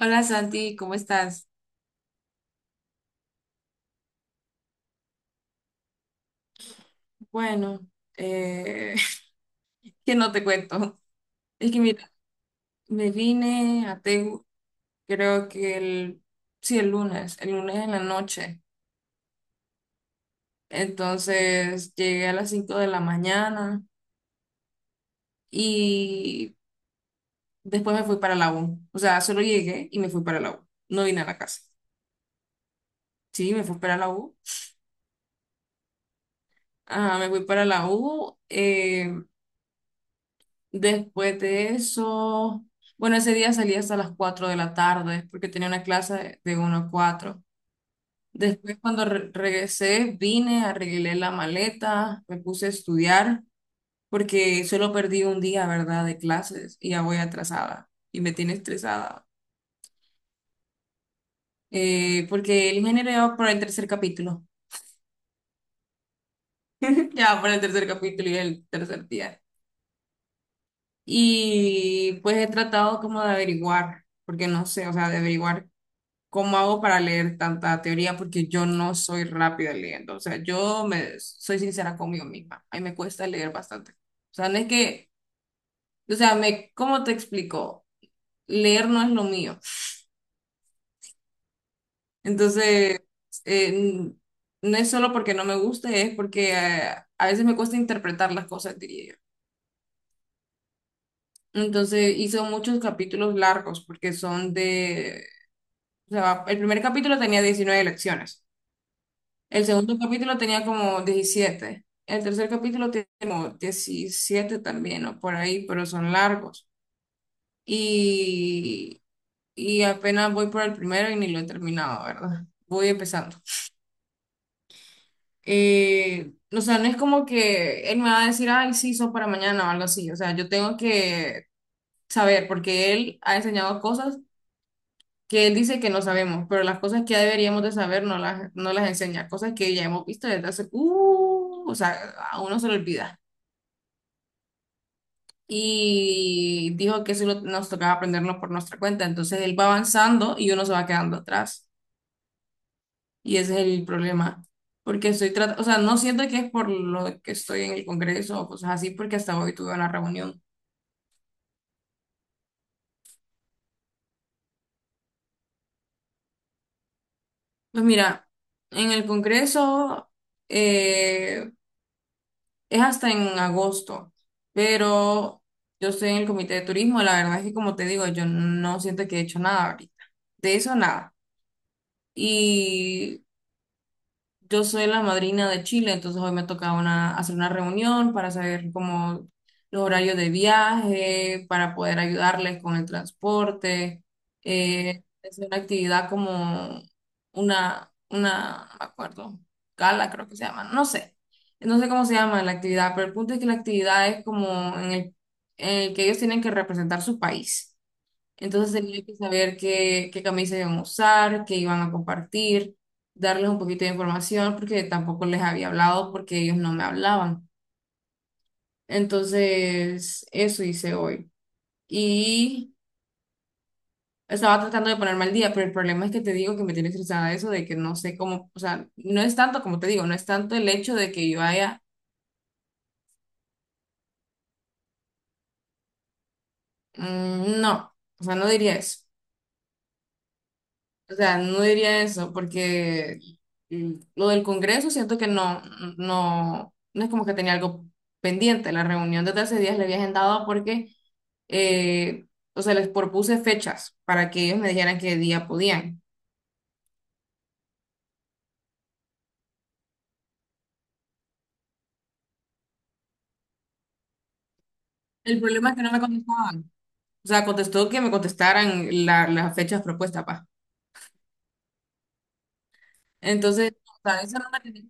Hola Santi, ¿cómo estás? Bueno, eh, que no te cuento. Es que mira, me vine a Tegu, creo que sí, el lunes en la noche. Entonces llegué a las 5 de la mañana y después me fui para la U. O sea, solo llegué y me fui para la U. No vine a la casa. Sí, me fui para la U. Ajá, me fui para la U. Después de eso, bueno, ese día salí hasta las 4 de la tarde porque tenía una clase de uno a cuatro. Después, cuando regresé, vine, arreglé la maleta, me puse a estudiar porque solo perdí un día, ¿verdad?, de clases y ya voy atrasada y me tiene estresada. Porque el ingeniero ya va por el tercer capítulo. Ya va por el tercer capítulo y el tercer día. Y pues he tratado como de averiguar, porque no sé, o sea, de averiguar, ¿cómo hago para leer tanta teoría? Porque yo no soy rápida leyendo. O sea, yo me soy sincera conmigo misma. A mí me cuesta leer bastante. O sea, no es que, o sea, me, ¿cómo te explico? Leer no es lo mío. Entonces, eh, n- no es solo porque no me guste, es porque a veces me cuesta interpretar las cosas, diría yo. Entonces, hizo muchos capítulos largos porque son de, o sea, el primer capítulo tenía 19 lecciones. El segundo capítulo tenía como 17. El tercer capítulo tiene como 17 también, o por ahí, pero son largos. Y, y apenas voy por el primero y ni lo he terminado, ¿verdad? Voy empezando. O sea, no es como que él me va a decir, ay, sí, son para mañana o algo así. O sea, yo tengo que saber, porque él ha enseñado cosas que él dice que no sabemos, pero las cosas que ya deberíamos de saber no las enseña, cosas que ya hemos visto desde hace, o sea, a uno se le olvida. Y dijo que nos tocaba aprenderlo por nuestra cuenta. Entonces él va avanzando y uno se va quedando atrás. Y ese es el problema. Porque estoy tratando, o sea, no siento que es por lo que estoy en el Congreso o cosas así, porque hasta hoy tuve una reunión. Pues mira, en el Congreso eh, es hasta en agosto, pero yo estoy en el Comité de Turismo. La verdad es que, como te digo, yo no siento que he hecho nada ahorita. De eso nada. Y yo soy la madrina de Chile, entonces hoy me toca hacer una reunión para saber cómo los horarios de viaje, para poder ayudarles con el transporte. Es una actividad como no me acuerdo, gala creo que se llama, no sé cómo se llama la actividad, pero el punto es que la actividad es como en el que ellos tienen que representar su país. Entonces tenía que saber qué camisa iban a usar, qué iban a compartir, darles un poquito de información porque tampoco les había hablado porque ellos no me hablaban. Entonces, eso hice hoy. Y estaba tratando de ponerme al día, pero el problema es que te digo que me tiene estresada eso de que no sé cómo, o sea, no es tanto como te digo, no es tanto el hecho de que yo haya, no, o sea, no diría eso. O sea, no diría eso, porque lo del Congreso siento que no, no es como que tenía algo pendiente. La reunión desde hace días le había agendado porque, eh, o sea, les propuse fechas para que ellos me dijeran qué día podían. El problema es que no me contestaban. O sea, contestó que me contestaran las fechas propuestas, pa. Entonces, o sea, eso no me tenía.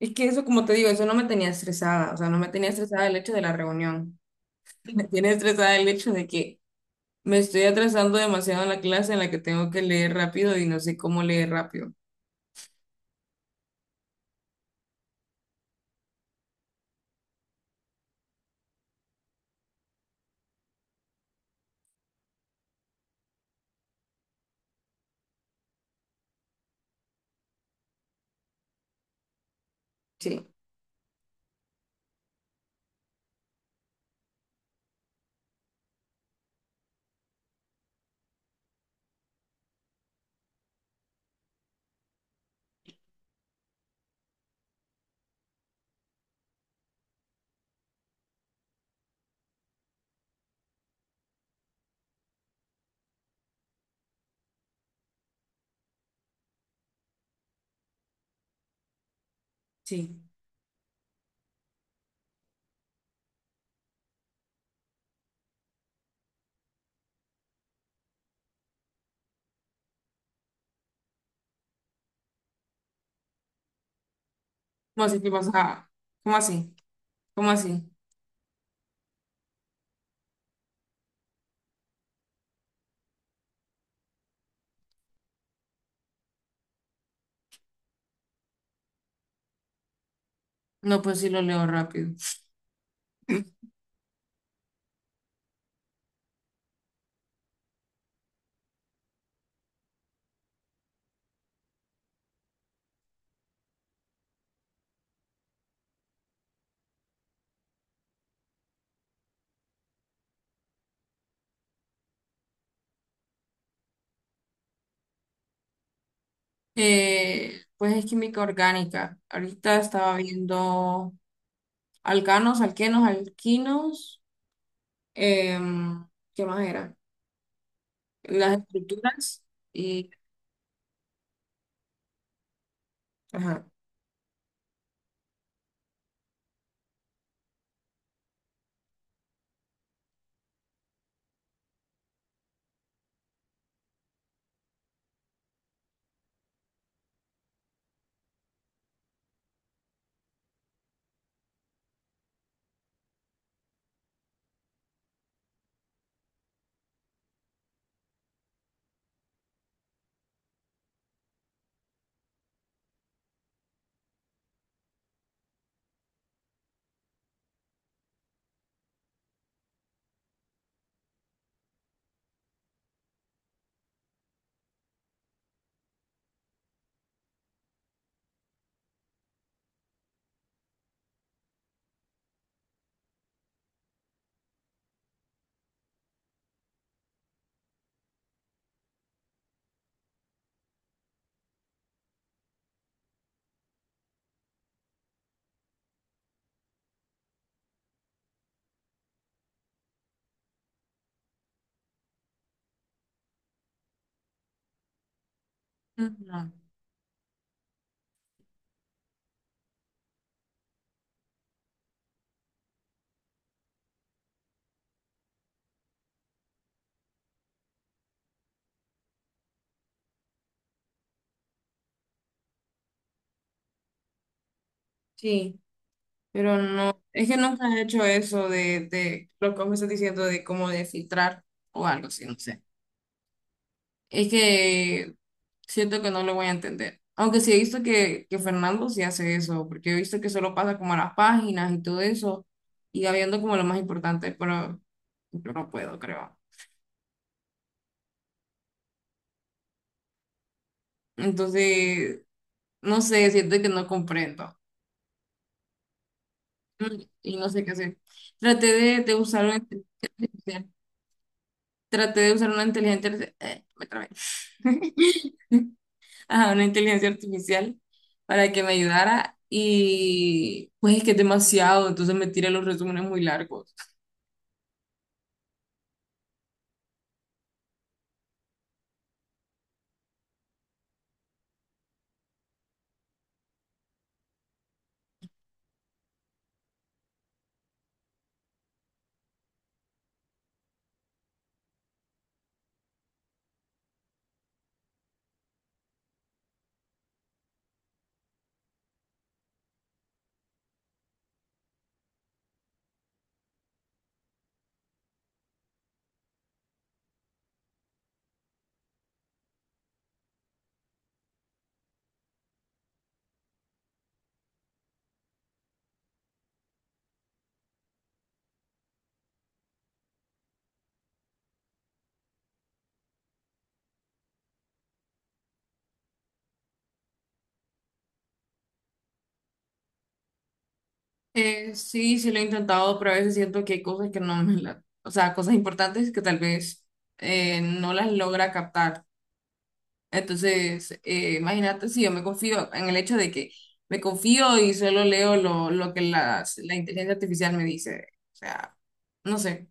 Es que eso, como te digo, eso no me tenía estresada. O sea, no me tenía estresada el hecho de la reunión. Me tiene estresada el hecho de que me estoy atrasando demasiado en la clase en la que tengo que leer rápido y no sé cómo leer rápido. Sí, sí. ¿Cómo así? ¿Qué pasa? Ah, ¿cómo así? ¿Cómo así? No, pues sí lo leo rápido. Pues es química orgánica. Ahorita estaba viendo alcanos, alquenos, alquinos. em, ¿Qué más era? Las estructuras y... Ajá. Ujú. Sí. Pero no, es que nunca he hecho eso de lo que me estás diciendo de cómo de filtrar o algo así, no sé. Es que siento que no lo voy a entender. Aunque sí he visto que Fernando sí hace eso, porque he visto que solo pasa como a las páginas y todo eso, y va viendo como lo más importante, pero yo no puedo, creo. Entonces, no sé, siento que no comprendo mm, y no sé qué hacer. Traté de, de usar una inteligencia, traté de usar una inteligencia, me trabé. A una inteligencia artificial para que me ayudara y pues es que es demasiado, entonces me tira los resúmenes muy largos. Sí, sí lo he intentado, pero a veces siento que hay cosas que no me la, o sea, cosas importantes que tal vez no las logra captar. Entonces, imagínate si yo me confío en el hecho de que me confío y solo leo lo que la inteligencia artificial me dice. O sea, no sé.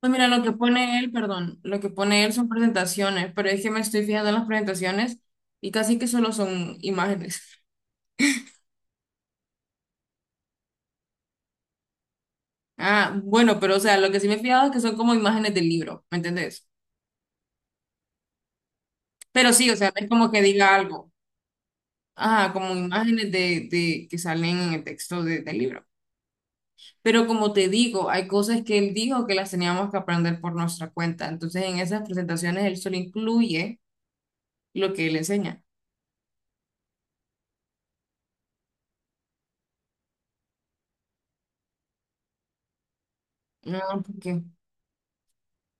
Pues mira, lo que pone él, perdón, lo que pone él son presentaciones, pero es que me estoy fijando en las presentaciones y casi que solo son imágenes. Ah, bueno, pero o sea, lo que sí me he fijado es que son como imágenes del libro, ¿me entendés? Pero sí, o sea, no es como que diga algo. Ah, como imágenes de que salen en el texto del libro. Pero como te digo, hay cosas que él dijo que las teníamos que aprender por nuestra cuenta. Entonces, en esas presentaciones él solo incluye lo que él enseña. No, ¿por qué?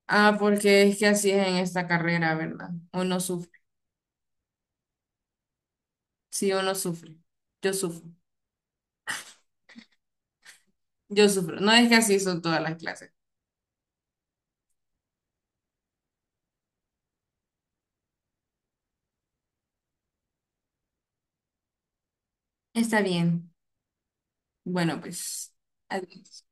Ah, porque es que así es en esta carrera, ¿verdad? Uno sufre. Sí, uno sufre. Yo sufro. Yo sufro. No es que así son todas las clases. Está bien. Bueno, pues. Adiós.